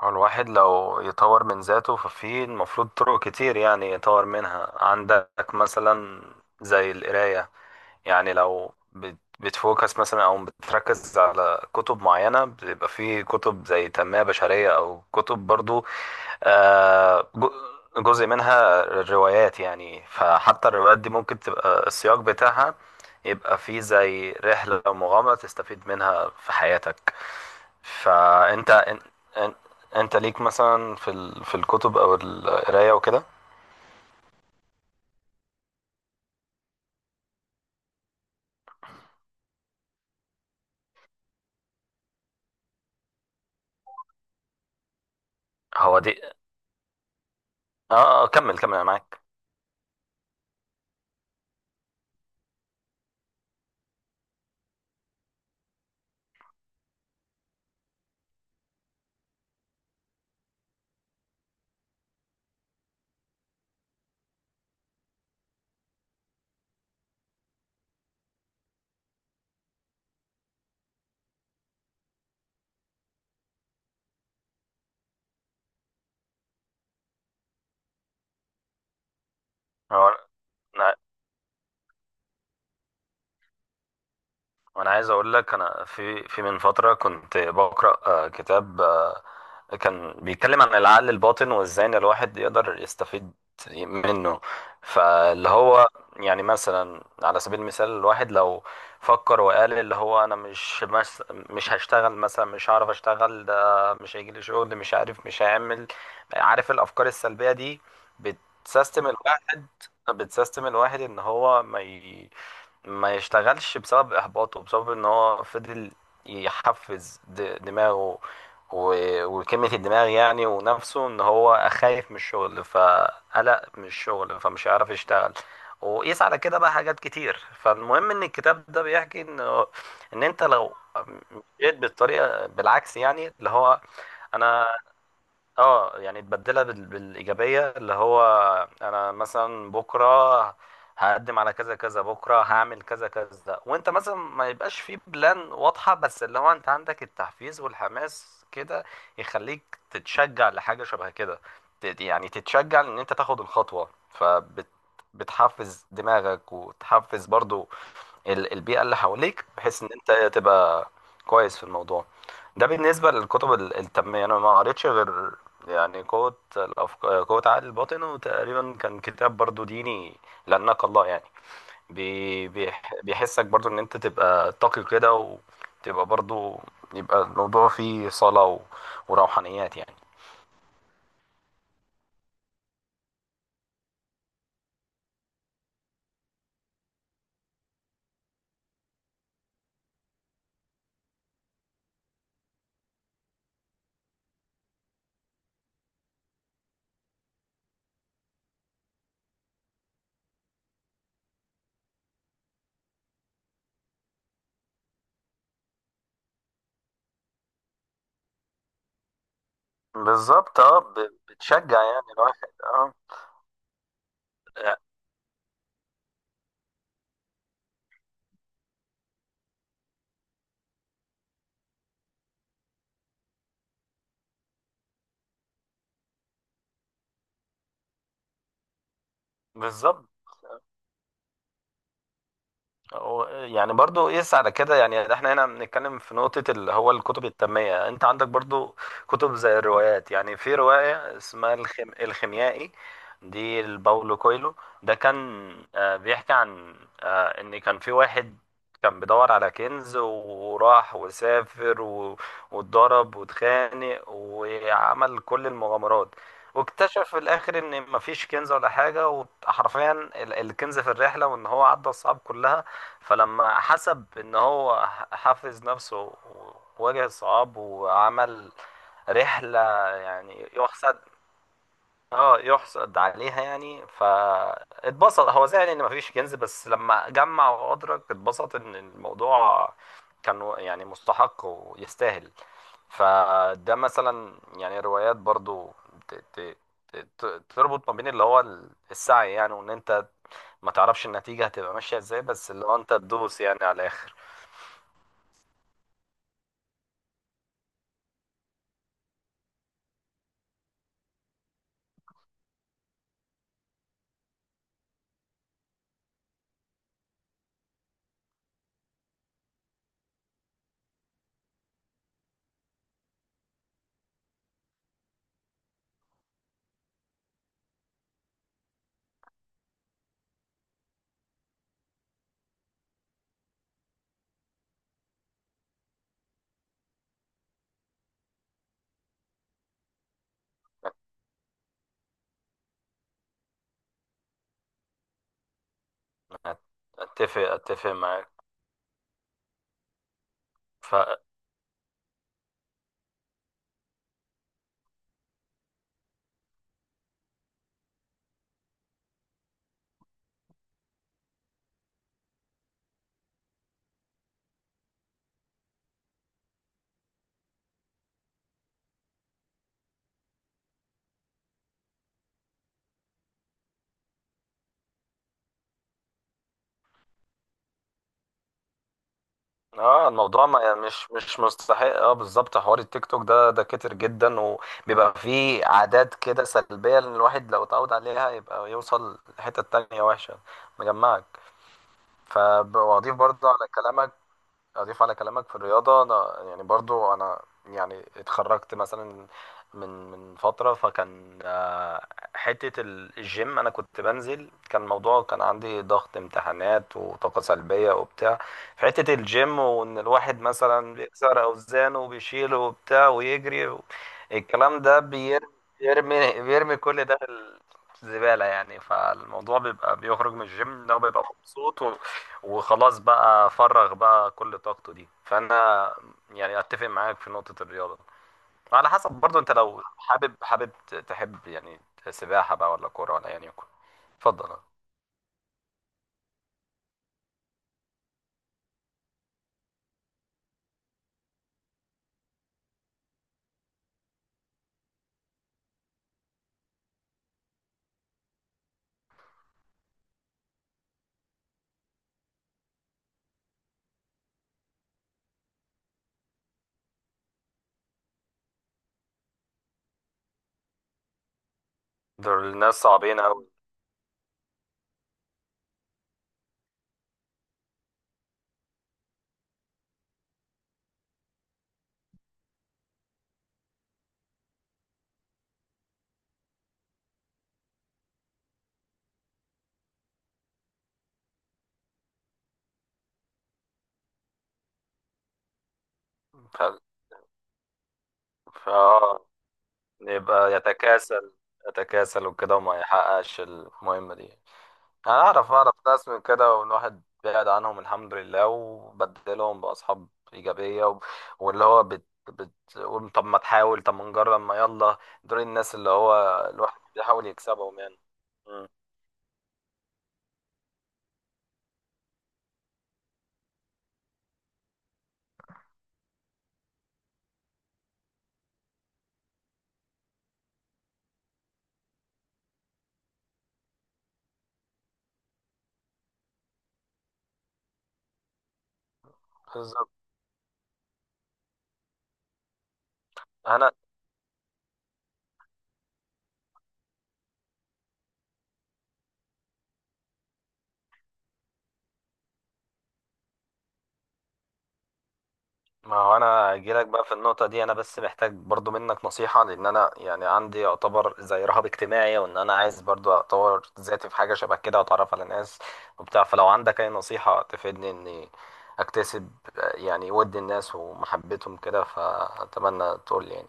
هو الواحد لو يطور من ذاته ففي المفروض طرق كتير يعني يطور منها. عندك مثلا زي القراية. يعني لو بتفوكس مثلا او بتركز على كتب معينة، بيبقى في كتب زي تنمية بشرية او كتب برضو آه، جو- جزء منها روايات. يعني فحتى الروايات دي ممكن تبقى السياق بتاعها، يبقى فيه زي رحلة أو مغامرة تستفيد منها في حياتك. فأنت إن- انت ليك مثلا في الكتب او القرايه وكده. هو دي. اه آه، كمل انا معاك. هو انا انا عايز اقول لك، انا في من فتره كنت بقرا كتاب كان بيتكلم عن العقل الباطن وازاي ان الواحد يقدر يستفيد منه. فاللي هو يعني مثلا على سبيل المثال، الواحد لو فكر وقال اللي هو انا مش هشتغل مثلا، مش هعرف اشتغل، ده مش هيجي لي شغل، مش عارف مش هعمل. عارف الافكار السلبية دي بتسيستم الواحد، بتسيستم الواحد ان هو ما يشتغلش بسبب احباطه، بسبب ان هو فضل يحفز دماغه وكلمة الدماغ يعني ونفسه، ان هو خايف من الشغل فقلق من الشغل فمش هيعرف يشتغل. وقيس على كده بقى حاجات كتير. فالمهم ان الكتاب ده بيحكي ان ان انت لو مشيت بالطريقة بالعكس، يعني اللي هو انا، اه يعني تبدلها بالايجابيه. اللي هو انا مثلا بكره هقدم على كذا كذا، بكره هعمل كذا كذا. وانت مثلا ما يبقاش في بلان واضحه، بس اللي هو انت عندك التحفيز والحماس كده يخليك تتشجع لحاجه شبه كده. يعني تتشجع ان انت تاخد الخطوه. بتحفز دماغك وتحفز برضو البيئة اللي حواليك، بحيث ان انت تبقى كويس في الموضوع ده. بالنسبة للكتب التنمية، انا ما قريتش غير يعني قوة الأفكار، قوة عقل الباطن. وتقريبا كان كتاب برضو ديني، لأنك الله يعني بيحسك برضو ان انت تبقى تقي كده، وتبقى برضو يبقى الموضوع فيه صلاة وروحانيات يعني. بالظبط اه، بتشجع يعني الواحد اه. بالظبط. يعني برضو يقيس على كده. يعني احنا هنا بنتكلم في نقطة اللي هو الكتب التنمية. انت عندك برضو كتب زي الروايات. يعني في رواية اسمها الخيميائي، دي لباولو كويلو. ده كان آه، بيحكي عن آه، ان كان في واحد كان بيدور على كنز، وراح وسافر و... واتضرب واتخانق وعمل كل المغامرات، واكتشف في الاخر ان مفيش كنز ولا حاجه. وحرفيا الكنز في الرحله، وان هو عدى الصعاب كلها. فلما حسب ان هو حافظ نفسه وواجه صعاب وعمل رحلة يعني يحسد، اه يحسد عليها يعني. فاتبسط، هو زعل ان مفيش كنز، بس لما جمع وادرك اتبسط ان الموضوع كان يعني مستحق ويستاهل. فده مثلا يعني روايات برضو ت- ت- تربط ما بين اللي هو السعي يعني، وان انت ما تعرفش النتيجة هتبقى ماشية ازاي، بس اللي هو انت تدوس يعني على الاخر. اتفق معاك. ف اه الموضوع ما يعني، مش مستحق. اه بالظبط، حوار التيك توك ده ده كتر جدا، وبيبقى فيه عادات كده سلبية. لان الواحد لو اتعود عليها يبقى يوصل لحتة تانية وحشة مجمعك. فبضيف برضه على كلامك، أضيف على كلامك في الرياضة. أنا يعني برضو أنا يعني اتخرجت مثلا من من فترة، فكان آه، حتة الجيم أنا كنت بنزل. كان الموضوع كان عندي ضغط امتحانات وطاقة سلبية وبتاع. في حتة الجيم، وإن الواحد مثلا بيكسر أوزانه وبيشيله وبتاع ويجري و... الكلام ده بيرمي كل ده في الزبالة يعني. فالموضوع بيبقى بيخرج من الجيم إن هو بيبقى مبسوط، وخلاص بقى فرغ بقى كل طاقته دي. فانا يعني اتفق معاك في نقطة الرياضة. على حسب برضو انت لو حابب تحب يعني سباحة بقى ولا كورة، ولا يعني يكون. اتفضل. دول الناس صعبين قوي. ف... ف... آه، يبقى يتكاسل، يتكاسل وكده وما يحققش المهمة دي. انا اعرف ناس من كده، والواحد بعد عنهم الحمد لله، وبدلهم باصحاب ايجابيه و... واللي هو بتقول طب ما تحاول، طب ما نجرب، ما يلا. دول الناس اللي هو الواحد بيحاول يكسبهم يعني. مم. بالظبط. انا ما هو انا اجيلك بقى في النقطه دي. انا بس محتاج برضو منك نصيحه، لان انا يعني عندي يعتبر زي رهاب اجتماعي، وان انا عايز برضو اطور ذاتي في حاجه شبه كده واتعرف على ناس وبتاع. فلو عندك اي نصيحه تفيدني اني اكتسب يعني ود الناس ومحبتهم كده، فاتمنى تقول لي يعني.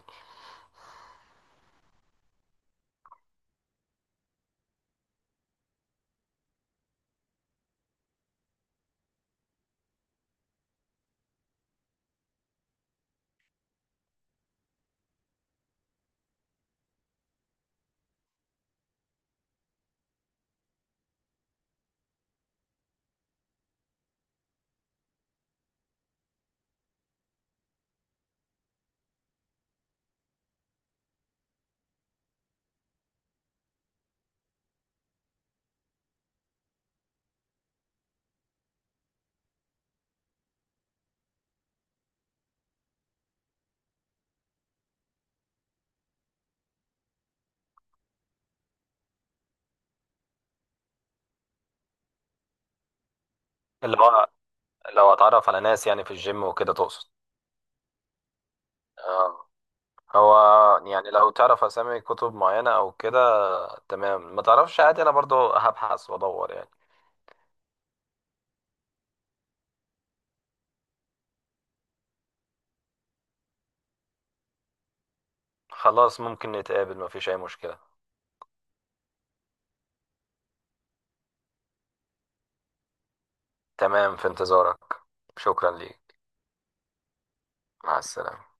اللي هو لو اتعرف على ناس يعني في الجيم وكده تقصد؟ آه. هو يعني لو تعرف اسامي كتب معينه او كده، تمام. ما تعرفش عادي، انا برضو هبحث وادور يعني. خلاص ممكن نتقابل، مفيش أي مشكلة. تمام، في انتظارك. شكرا ليك. مع السلامة.